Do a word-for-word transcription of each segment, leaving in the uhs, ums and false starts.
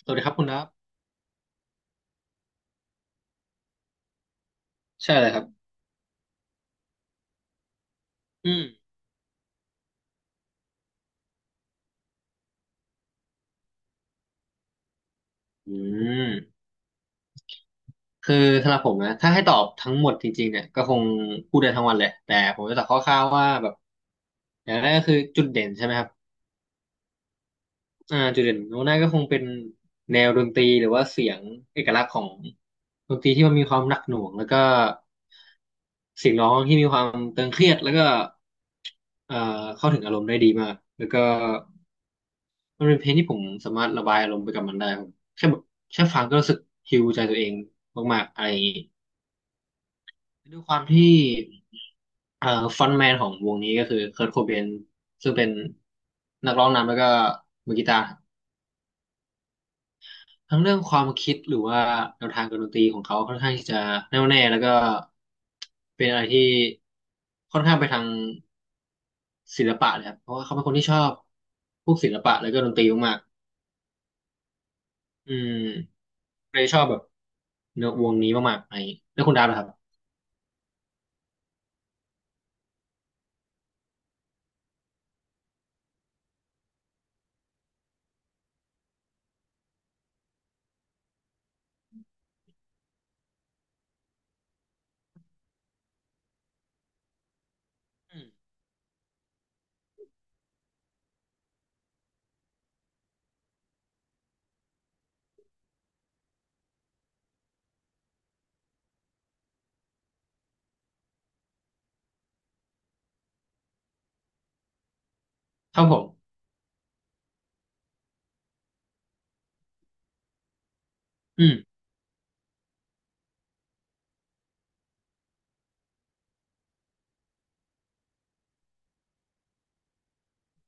สวัสดีครับคุณครับใช่เลยครับอืมอืมคือสำหรับผมนะถ้าให้ตอบทั้งหมดจริงๆเนี่ยก็คงพูดได้ทั้งวันแลยแต่ผมจะตอบคร่าวๆว่าแบบอย่างแรกก็คือจุดเด่นใช่ไหมครับอ่าจุดเด่นของหน้าก็คงเป็นแนวดนตรีหรือว่าเสียงเอกลักษณ์ของดนตรีที่มันมีความหนักหน่วงแล้วก็เสียงร้องที่มีความตึงเครียดแล้วก็เอ่อเข้าถึงอารมณ์ได้ดีมากแล้วก็ มันเป็นเพลงที่ผมสามารถระบายอารมณ์ไปกับมันได้ผมแค่แบบแค่ฟังก็รู้สึกฮีลใจตัวเองมากๆอะไรอย่างนี้ด้วยความที่เอ่อฟอนต์แมนของวงนี้ก็คือเคิร์ตโคเบนซึ่งเป็นนักร้องนำแล้วก็มือกีตาร์ทั้งเรื่องความคิดหรือว่าแนวทางการดนตรีของเขาค่อนข้างที่จะแน่วแน่แล้วก็เป็นอะไรที่ค่อนข้างไปทางศิลปะเลยครับเพราะว่าเขาเป็นคนที่ชอบพวกศิลปะแล้วก็ดนตรีมากๆอืม เลยชอบแบบเนื้อวงนี้มากๆอะไรอย่างงี้แล้วคุณดาบล่ะครับอืมเท่าผมอืม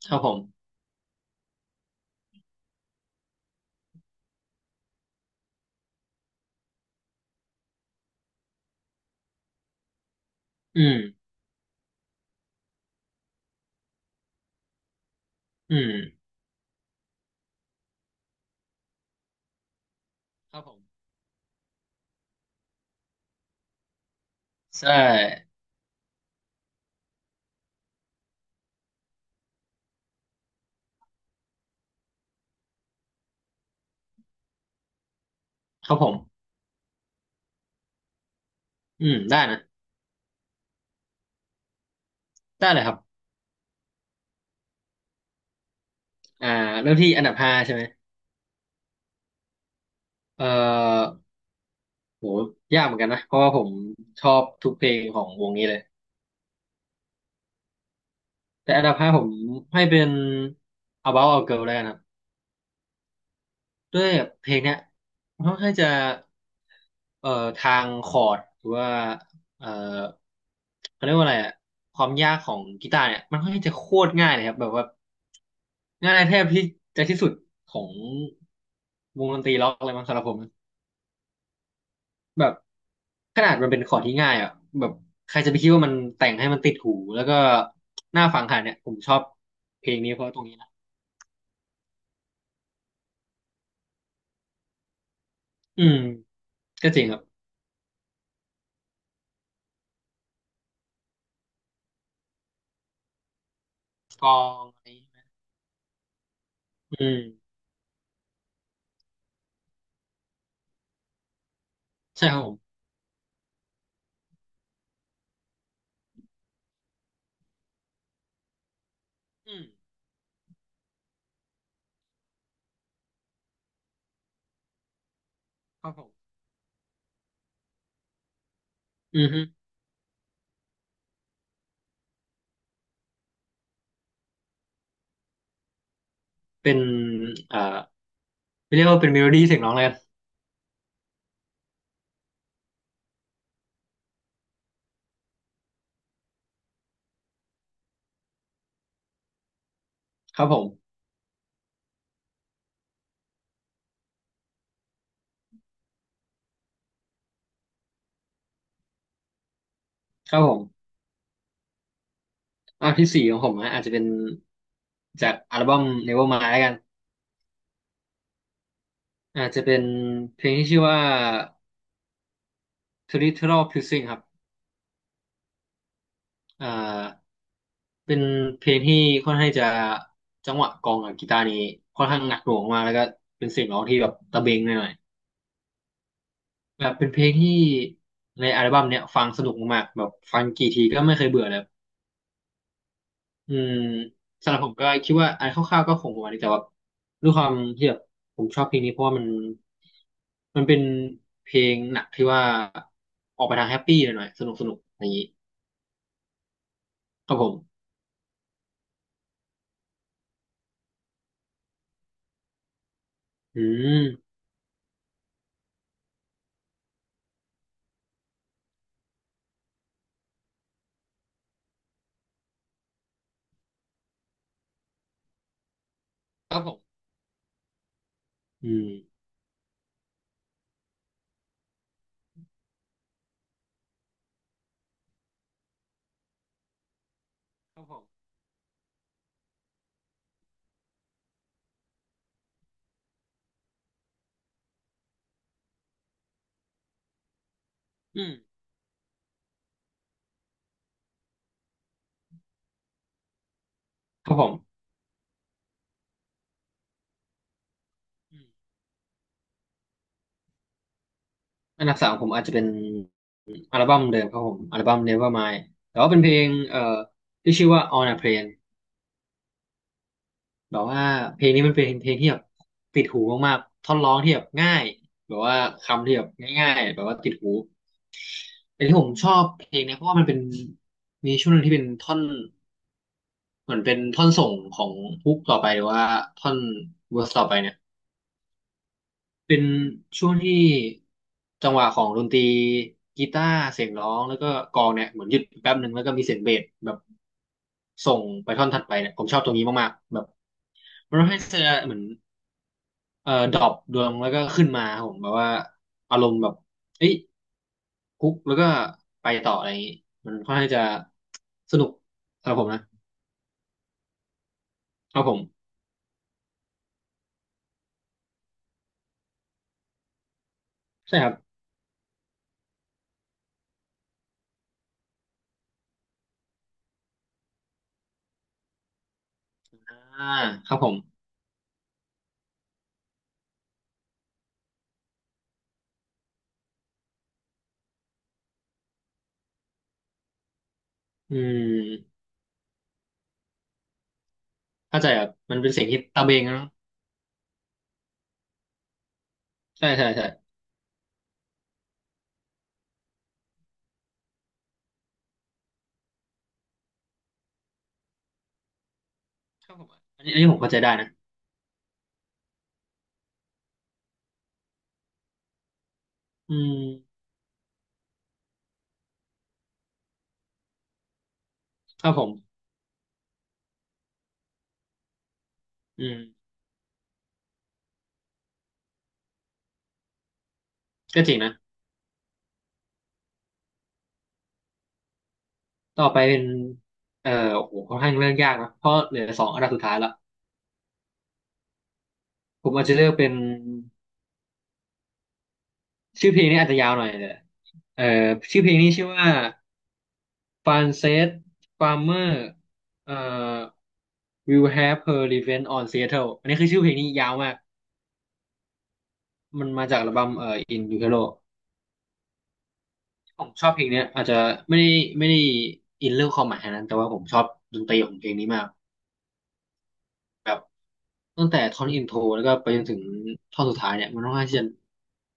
เท่าผมอืมอืมเท่าผมใช่เท่าผมอืมได้นะ ได้เลยครับอ่าเริ่มที่อันดับห้าใช่ไหมเอ่อโหยากเหมือนกันนะ เพราะว่าผมชอบทุกเพลงของวงนี้เลย แต่อันดับห้าผมให้เป็น About a Girl แล้วกันครับ ด้วยเพลงเนี้ยมันค่อนข้างจะเอ่อทางคอร์ดหรือว่าเอ่อเขาเรียกว่าอะไรอะความยากของกีตาร์เนี่ยมันค่อนข้างจะโคตรง่ายเลยครับแบบว่าง่ายแทบที่จะที่สุดของวงดนตรีล็อกอะไรมังสำหรับผมนะแบบขนาดมันเป็นคอร์ดที่ง่ายอ่ะแบบใครจะไปคิดว่ามันแต่งให้มันติดหูแล้วก็น่าฟังขนาดเนี่ยผมชอบเพลงนี้เพราะตรงนี้นะอืมก็จริงครับกลองอะไรอย่างงี้ใช่ไหมอืมใช่ครับผมอืม ครับผมอือฮึเป็นเอ่อไม่เรียกว่าเป็นเมโลดี้เสียงร้องเลยกันครับผมครับผมอ่ะที่สี่ของผมนะอาจจะเป็นจากอัลบั้ม Nevermind แล้วกันอาจจะเป็นเพลงที่ชื่อว่า Territorial Pulsing ครับอ่าเป็นเพลงที่ค่อนข้างจะจังหวะกลองกับกีตาร์นี้ค่อนข้างหนักหน่วงมากแล้วก็เป็นเสียงร้องที่แบบตะเบงหน่อยๆแบบเป็นเพลงที่ในอัลบั้มเนี้ยฟังสนุกมากๆแบบฟังกี่ทีก็ไม่เคยเบื่อเลย อืมสำหรับผมก็คิดว่าอันคร่าวๆก็คงประมาณนี้แต่ว่าด้วยความที่แบบผมชอบเพลงนี้เพราะว่ามันมันเป็นเพลงหนักที่ว่าออกไปทางแฮปปี้หน่อยๆสนุกสนุกอย่างนี้ครับผมอืมครับผมอืมครับผมอืมครับผมอืมอันดับสามของผมอาจจะเป็นอัลบั้มเดิมครับผมอัลบั้ม Nevermind แต่ว่าเป็นเพลงเอ่อที่ชื่อว่า On a Plane แบบว่าเพลงนี้มันเป็นเพลงที่แบบติดหูมากๆท่อนร้องที่แบบง่ายแบบว่าคำที่แบบง่ายๆแบบว่าติดหูแต่ที่ผมชอบเพลงเนี้ยเพราะว่ามันเป็นมีช่วงหนึงที่เป็นท่อนเหมือนเป็นท่อนส่งของฮุกต่อไปหรือว่าท่อนเวอร์สต่อไปเนี่ยเป็นช่วงที่จังหวะของดนตรีกีตาร์เสียงร้องแล้วก็กลองเนี่ยเหมือนหยุดแป๊บหนึ่งแล้วก็มีเสียงเบสแบบส่งไปท่อนถัดไปเนี่ยผมชอบตรงนี้มากๆแบบมันทำให้เธอเหมือน เอ่อดรอปดวงแล้วก็ขึ้นมาครับผมแบบว่าอารมณ์แบบเอ้ยคุกแล้วก็ไปต่ออะไรอย่างนี้มันค่อนข้างจะสนุกสำหรับผมนะครับผมใช่ครับอ่าครับผมอืมเข้าใจครับมันเป็นเสียงที่ตะเบงนะใช่ใช่ใช่ครับผมอันนี้อันนี้ผมเข้าใจได้นะอืมครับผมอืมก็จริงนะต่อไปเป็นเอ่อโอ้โหค่อนข้างเรื่องยากนะเพราะเหลือสองอันดับสุดท้ายละผมอาจจะเลือกเป็น ชื่อเพลงนี้อาจจะยาวหน่อยแต่เอ่อชื่อเพลงนี้ชื่อว่า Frances Farmer เอ่อ Will Have Her Revenge on Seattle อันนี้คือชื่อเพลงนี้ยาวมากมันมาจากอัลบั้มเอ่อ In Utero ผมชอบเพลงเนี้ยอาจจะไม่ได้ไม่ได้อินเรื่องความหมายขนาดนั้นแต่ว่าผมชอบดนตรีของเพลงนี้มากแบบตั้งแต่ท่อนอินโทรแล้วก็ไปจนถึงท่อนสุดท้ายเนี่ยมันค่อนข้างที่จะ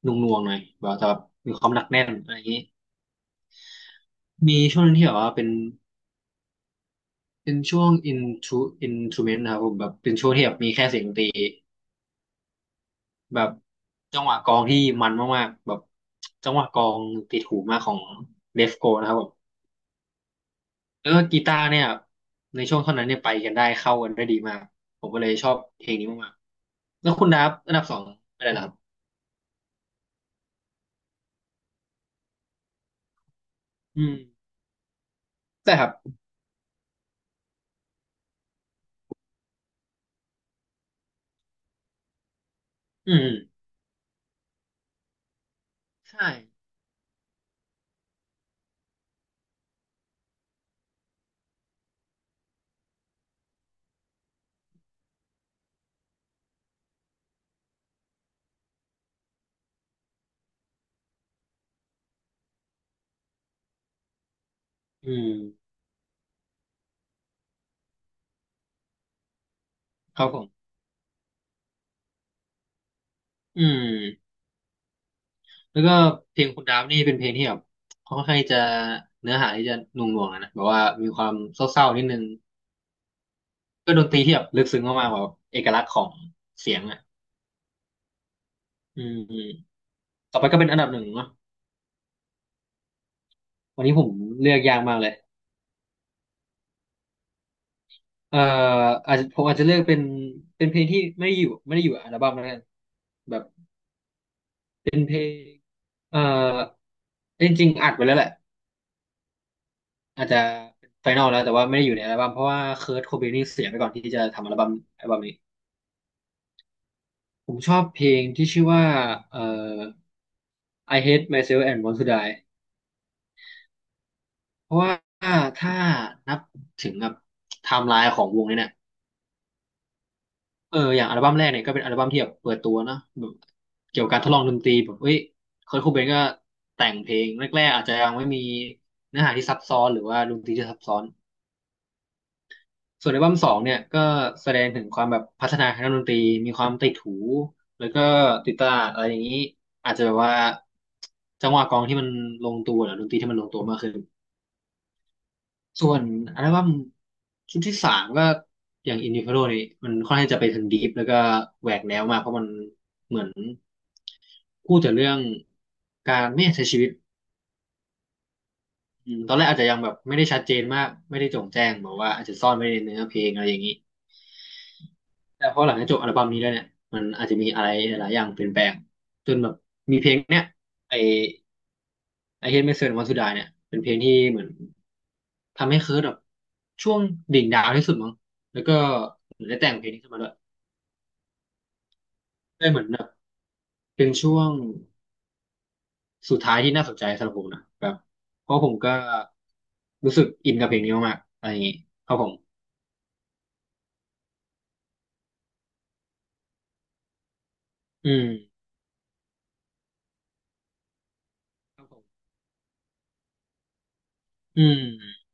หน่วงๆหน่อยแบบแต่แบบมีความหนักแน่นอะไรอย่างนี้มีช่วงหนึงที่แบบว่าเป็น เป็นช่วง intro instrument นะครับผมแบบเป็นช่วงที่แบบมีแค่เสียงดนตรีแบบจังหวะกลองที่มันมากๆแบบจังหวะกลองติดหูมากของเลฟโกนะครับผมแล้วก็กีตาร์เนี่ยในช่วงเท่านั้นเนี่ยไปกันได้เข้ากันได้ดีมากผมก็เลยชอบเพลงนี้มากๆแล้วคุณดับอันดับสองอะไรล่ะครับอืมใช่ครับอืมใช่อืมครับผมอืม แล้วก็เพลงคุณดามนี่เป็นเพลงที่แบบค่อนข้างจะเนื้อหาที่จะหน่วงๆอะนะแบบว่ามีความเศร้าๆนิดนึงก็ดนตรีที่แบบลึกซึ้งมากๆแบบเอกลักษณ์ของเสียงอ่ะอืมอืมต่อไปก็เป็นอันดับหนึ่งเนาะวันนี้ผมเลือกยากมากเลยเอ่ออาจจะผมอาจจะเลือกเป็นเป็นเพลงที่ไม่ได้อยู่ไม่ได้อยู่อัลบั้มแล้วกันแบบเป็นเพลงเอ่อจริงๆอัดไว้แล้วแหละอาจจะเป็นไฟนอลแล้วแต่ว่าไม่ได้อยู่ในอัลบั้มเพราะว่าเคิร์ตโคเบนนี่เสียไปก่อนที่จะทำอัลบั้มอัลบั้มนี้ ผมชอบเพลงที่ชื่อว่าเอ่อ I Hate Myself and Want to Die เพราะว่าถ้านับถึงแบบไทม์ไลน์ของวงนี้เนี่ยเอออย่างอัลบั้มแรกเนี่ยก็เป็นอัลบั้มที่แบบเปิดตัวเนอะแบบเกี่ยวกับการทดลองดนตรีแบบเอ้ยเคิร์ทโคเบนก็แต่งเพลงแรกๆอาจจะยังไม่มีเนื้อหาที่ซับซ้อนหรือว่าดนตรีที่ซับซ้อน ส่วนอัลบั้มสองเนี่ยก็แสดงถึงความแบบพัฒนาทางด้านดนตรีมีความติดหูแล้วก็ติดตลาดอะไรอย่างนี้อาจจะแบบว่าจังหวะกลองที่มันลงตัวหรือดนตรีที่มันลงตัวมากขึ้นส่วนอัลบั้มชุดที่สามก็อย่าง Individual นี่มันค่อนข้างจะไปทางดีฟแล้วก็แหวกแนวมากเพราะมันเหมือนพูดแต่เรื่องการไม่ใช้ชีวิต อืมตอนแรกอาจจะยังแบบไม่ได้ชัดเจนมากไม่ได้โจ่งแจ้งบอกว่าอาจจะซ่อนไว้ในเนื้อเพลงอะไรอย่างนี้แต่พอหลังจากจบอัลบั้มนี้แล้วเนี่ยมันอาจจะมีอะไรหลายอย่างเปลี่ยนแปลงจนแบบมีเพลงเนี่ยไอไอเฮดเมสเซนวันสุดาเนี่ยเป็นเพลงที่เหมือนทำให้เคิร์ตแบบช่วงดิ่งดาวที่สุดมั้งแล้วก็เหมือนได้แต่งเพลงนี้ขึ้นมาด้วยได้เหมือนแบบเป็นช่วงสุดท้ายที่น่าสนใจสำหรับผมนะแบบเพราะผมก็รู้สึกอินกับเพลงนี้มากๆอะไรอย่างนี้ครับผมอืม อืม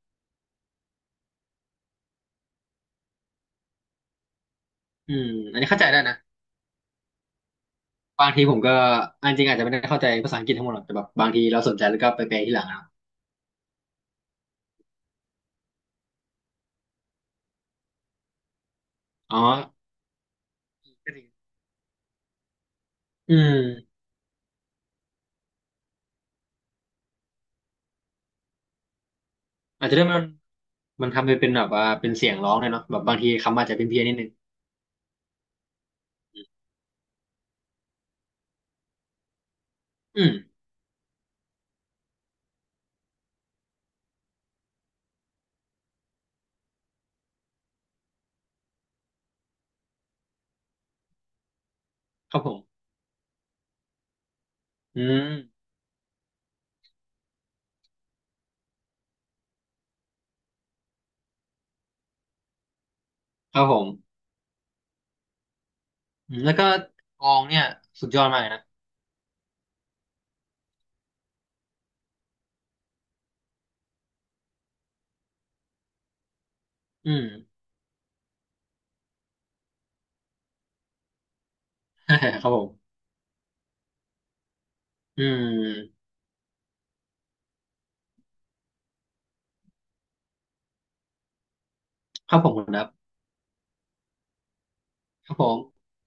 อืมอันนี้เข้าใจได้นะบางทีผมก็อันจริงอาจจะไม่ได้เข้าใจภาษาอังกฤษทั้งหมดหรอกแต่แบบบางทีเราสนใจแล้วก็ไปแปลที่หลังนะอ๋อก็จริงอืมอาจจะได้มันมันทำไปเป็นแบบว่าเป็นเสียงร้องเลยเนาะแบบบางทีคำอาจจะเป็นเพี้ยนๆนิดนึงอืมครับผมอืมครับผมอืมแล้วก็กลองเนี่ยสุดยอดมากเลยนะอืม ครับผมอืมครับผมคุณครับครับผม